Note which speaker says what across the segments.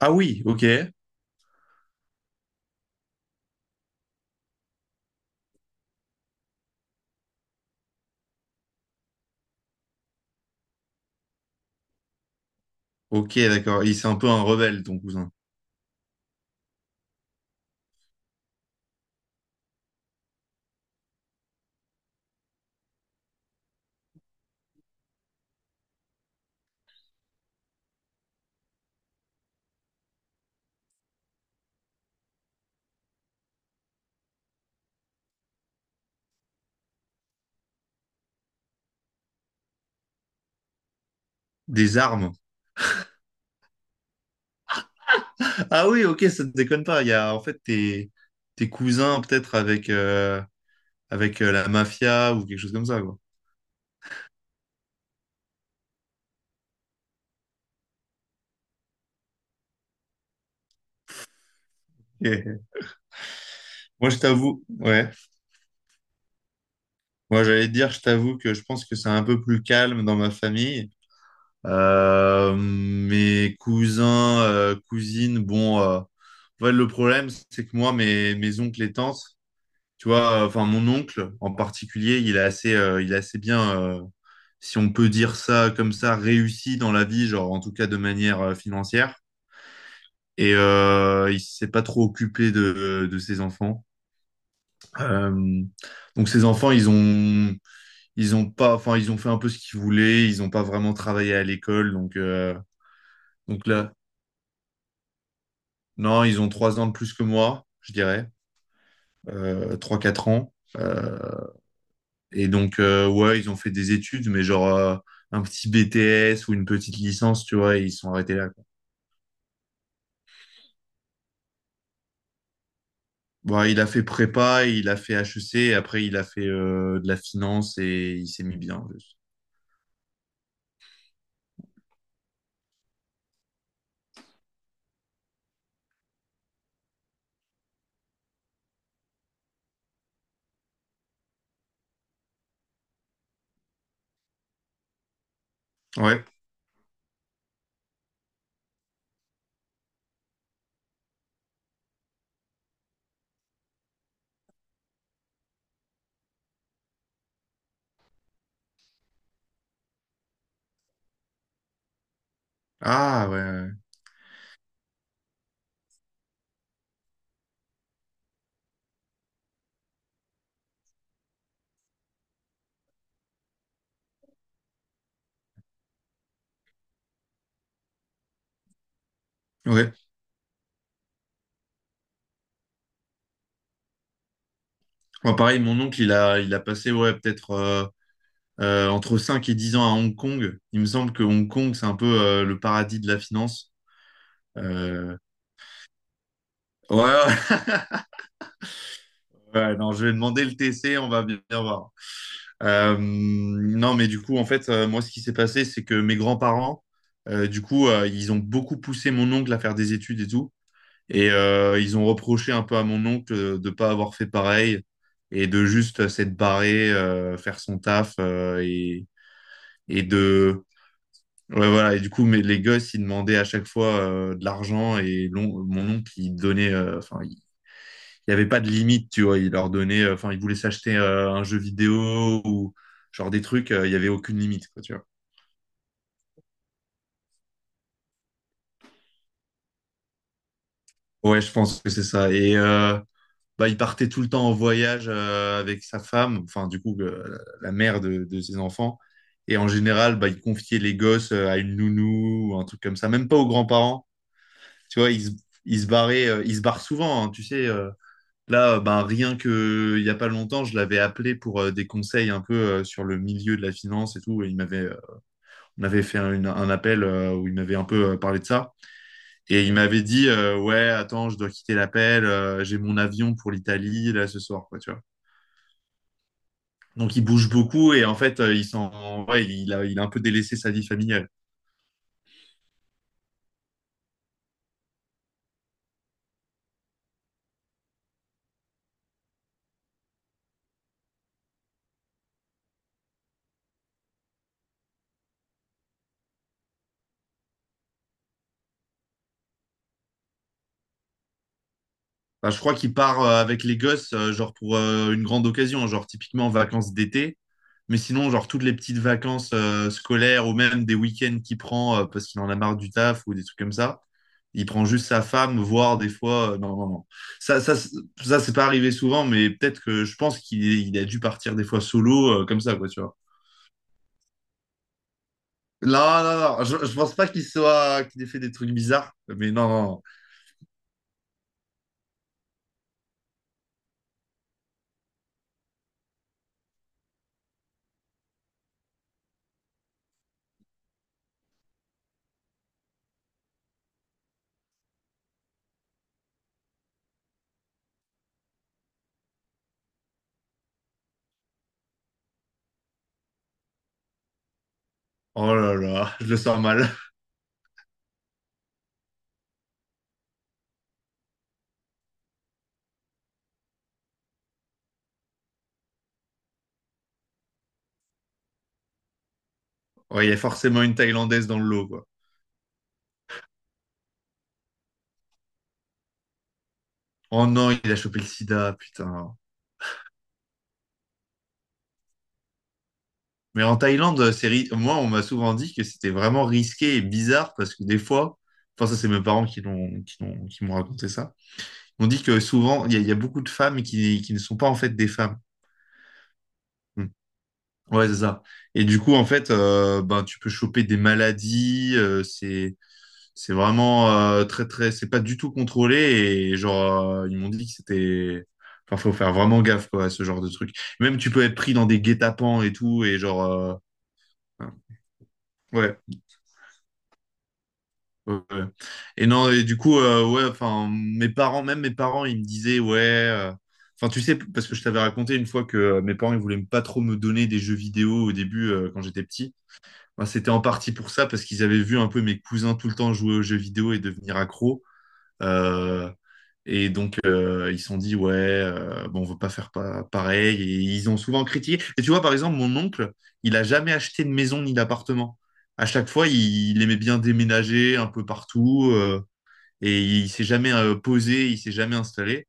Speaker 1: Ah oui, ok. Ok, d'accord. Il c'est un peu un rebelle, ton cousin. Des armes. Ah oui, ok, ça ne déconne pas. Il y a en fait tes, tes cousins peut-être avec, avec la mafia ou quelque chose comme ça, quoi. Ok. Moi, je t'avoue, ouais. Moi, j'allais te dire, je t'avoue que je pense que c'est un peu plus calme dans ma famille. Mes cousins, cousines, bon, ouais, le problème, c'est que moi, mes oncles et tantes. Tu vois, enfin, mon oncle en particulier, il est assez bien, si on peut dire ça comme ça, réussi dans la vie, genre en tout cas de manière financière. Et il s'est pas trop occupé de ses enfants. Euh, donc ses enfants, ils ont pas, enfin, ils ont fait un peu ce qu'ils voulaient. Ils ont pas vraiment travaillé à l'école. Donc là, non, ils ont trois ans de plus que moi, je dirais, trois, quatre ans. Et donc, ouais, ils ont fait des études, mais genre un petit BTS ou une petite licence, tu vois, et ils sont arrêtés là, quoi. Bon, il a fait prépa, il a fait HEC, et après il a fait de la finance et il s'est mis bien, en plus. Ouais. Ah ouais. Ouais. Ouais. Moi, pareil, mon oncle, il a passé ouais, peut-être entre 5 et 10 ans à Hong Kong. Il me semble que Hong Kong, c'est un peu le paradis de la finance. Euh, Ouais, ouais, Ouais, non, je vais demander le TC, on va bien voir. Non, mais du coup, en fait, moi, ce qui s'est passé, c'est que mes grands-parents, du coup, ils ont beaucoup poussé mon oncle à faire des études et tout. Et ils ont reproché un peu à mon oncle de pas avoir fait pareil et de juste s'être barré, faire son taf et de... Ouais, voilà. Et du coup, mais les gosses, ils demandaient à chaque fois de l'argent et mon oncle, il donnait... Enfin, il n'y avait pas de limite, tu vois. Il leur donnait, enfin, ils voulaient s'acheter un jeu vidéo ou genre des trucs, il n'y avait aucune limite, quoi, tu vois. Ouais, je pense que c'est ça. Et bah, il partait tout le temps en voyage avec sa femme, enfin, du coup, la mère de ses enfants. Et en général, bah, il confiait les gosses à une nounou ou un truc comme ça, même pas aux grands-parents. Tu vois, ils se barraient, ils se barrent souvent, hein, tu sais. Là, bah, rien que il y a pas longtemps, je l'avais appelé pour des conseils un peu sur le milieu de la finance et tout. Et il m'avait m'avait fait un appel où il m'avait un peu parlé de ça. Et il m'avait dit, ouais, attends, je dois quitter l'appel, j'ai mon avion pour l'Italie, là, ce soir, quoi, tu vois. Donc, il bouge beaucoup et en fait, il s'en, ouais, il a un peu délaissé sa vie familiale. Bah, je crois qu'il part avec les gosses, genre pour une grande occasion, genre typiquement vacances d'été. Mais sinon, genre toutes les petites vacances scolaires ou même des week-ends qu'il prend parce qu'il en a marre du taf ou des trucs comme ça. Il prend juste sa femme, voire des fois. Euh, non, non, non. Ça, ça c'est pas arrivé souvent, mais peut-être que je pense qu'il il a dû partir des fois solo, comme ça, quoi, tu vois. Non, non, non, je pense pas qu'il soit, qu'il ait fait des trucs bizarres, mais non, non. Oh là là, je le sens mal. Ouais, il y a forcément une Thaïlandaise dans le lot, quoi. Oh non, il a chopé le sida, putain. Mais en Thaïlande, moi, on m'a souvent dit que c'était vraiment risqué et bizarre parce que des fois, enfin, ça, c'est mes parents qui l'ont, qui m'ont raconté ça. On dit que souvent, il y a beaucoup de femmes qui ne sont pas en fait des femmes. Hmm. Ouais, c'est ça. Et du coup, en fait, ben, tu peux choper des maladies. C'est vraiment très, très. C'est pas du tout contrôlé. Et genre, ils m'ont dit que c'était. Enfin, faut faire vraiment gaffe, quoi, à ce genre de truc. Même, tu peux être pris dans des guet-apens et tout. Et genre. Enfin. Ouais, ouais, ouais. Et non, et du coup, ouais, enfin, mes parents, même mes parents, ils me disaient, ouais. Enfin, tu sais, parce que je t'avais raconté une fois que mes parents, ils voulaient pas trop me donner des jeux vidéo au début, quand j'étais petit. Bah, c'était en partie pour ça, parce qu'ils avaient vu un peu mes cousins tout le temps jouer aux jeux vidéo et devenir accro. Euh, et donc, ils se sont dit, ouais, bon, on veut pas faire pareil. Et ils ont souvent critiqué. Et tu vois, par exemple, mon oncle, il a jamais acheté de maison ni d'appartement. À chaque fois, il aimait bien déménager un peu partout. Et il s'est jamais posé, il s'est jamais installé.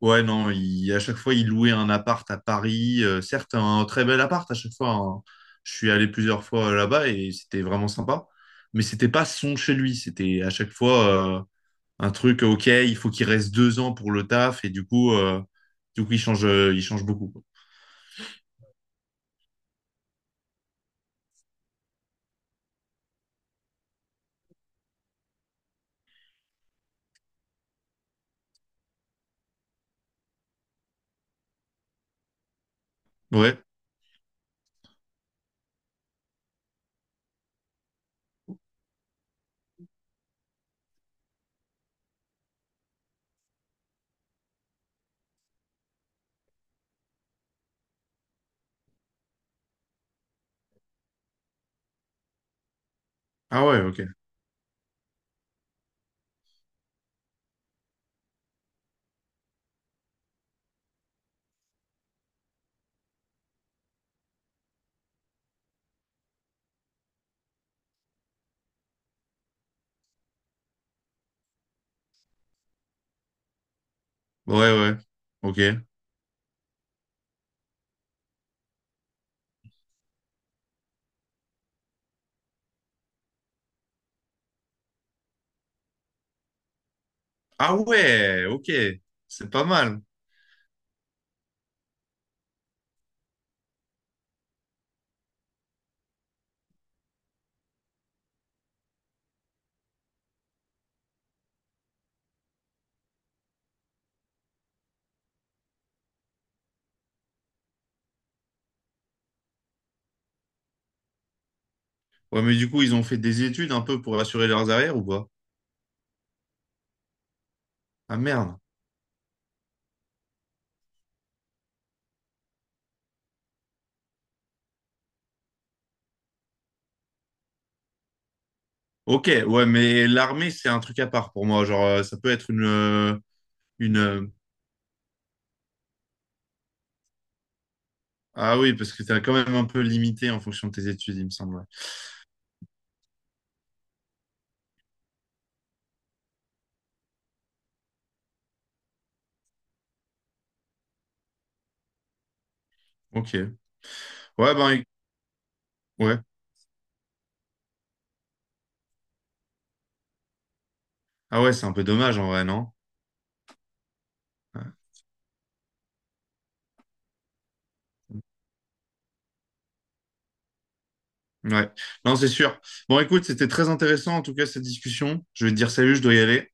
Speaker 1: Ouais, non, à chaque fois, il louait un appart à Paris. Certes, un très bel appart à chaque fois, hein. Je suis allé plusieurs fois là-bas et c'était vraiment sympa. Mais c'était pas son chez lui. C'était à chaque fois un truc, OK, il faut qu'il reste 2 ans pour le taf. Et du coup il change beaucoup, quoi. Ouais. Ah ouais, OK. Ouais, ouais. OK. Ah ouais, OK. C'est pas mal. Ouais, mais du coup, ils ont fait des études un peu pour assurer leurs arrières ou pas? Ah merde. Ok, ouais, mais l'armée, c'est un truc à part pour moi. Genre, ça peut être une, une. Ah oui, parce que t'es quand même un peu limité en fonction de tes études, il me semble, ouais. Ok. Ouais, ben, ouais. Ah ouais, c'est un peu dommage en vrai, non? Ouais. Ouais. Non, c'est sûr. Bon, écoute, c'était très intéressant en tout cas cette discussion. Je vais te dire salut, je dois y aller.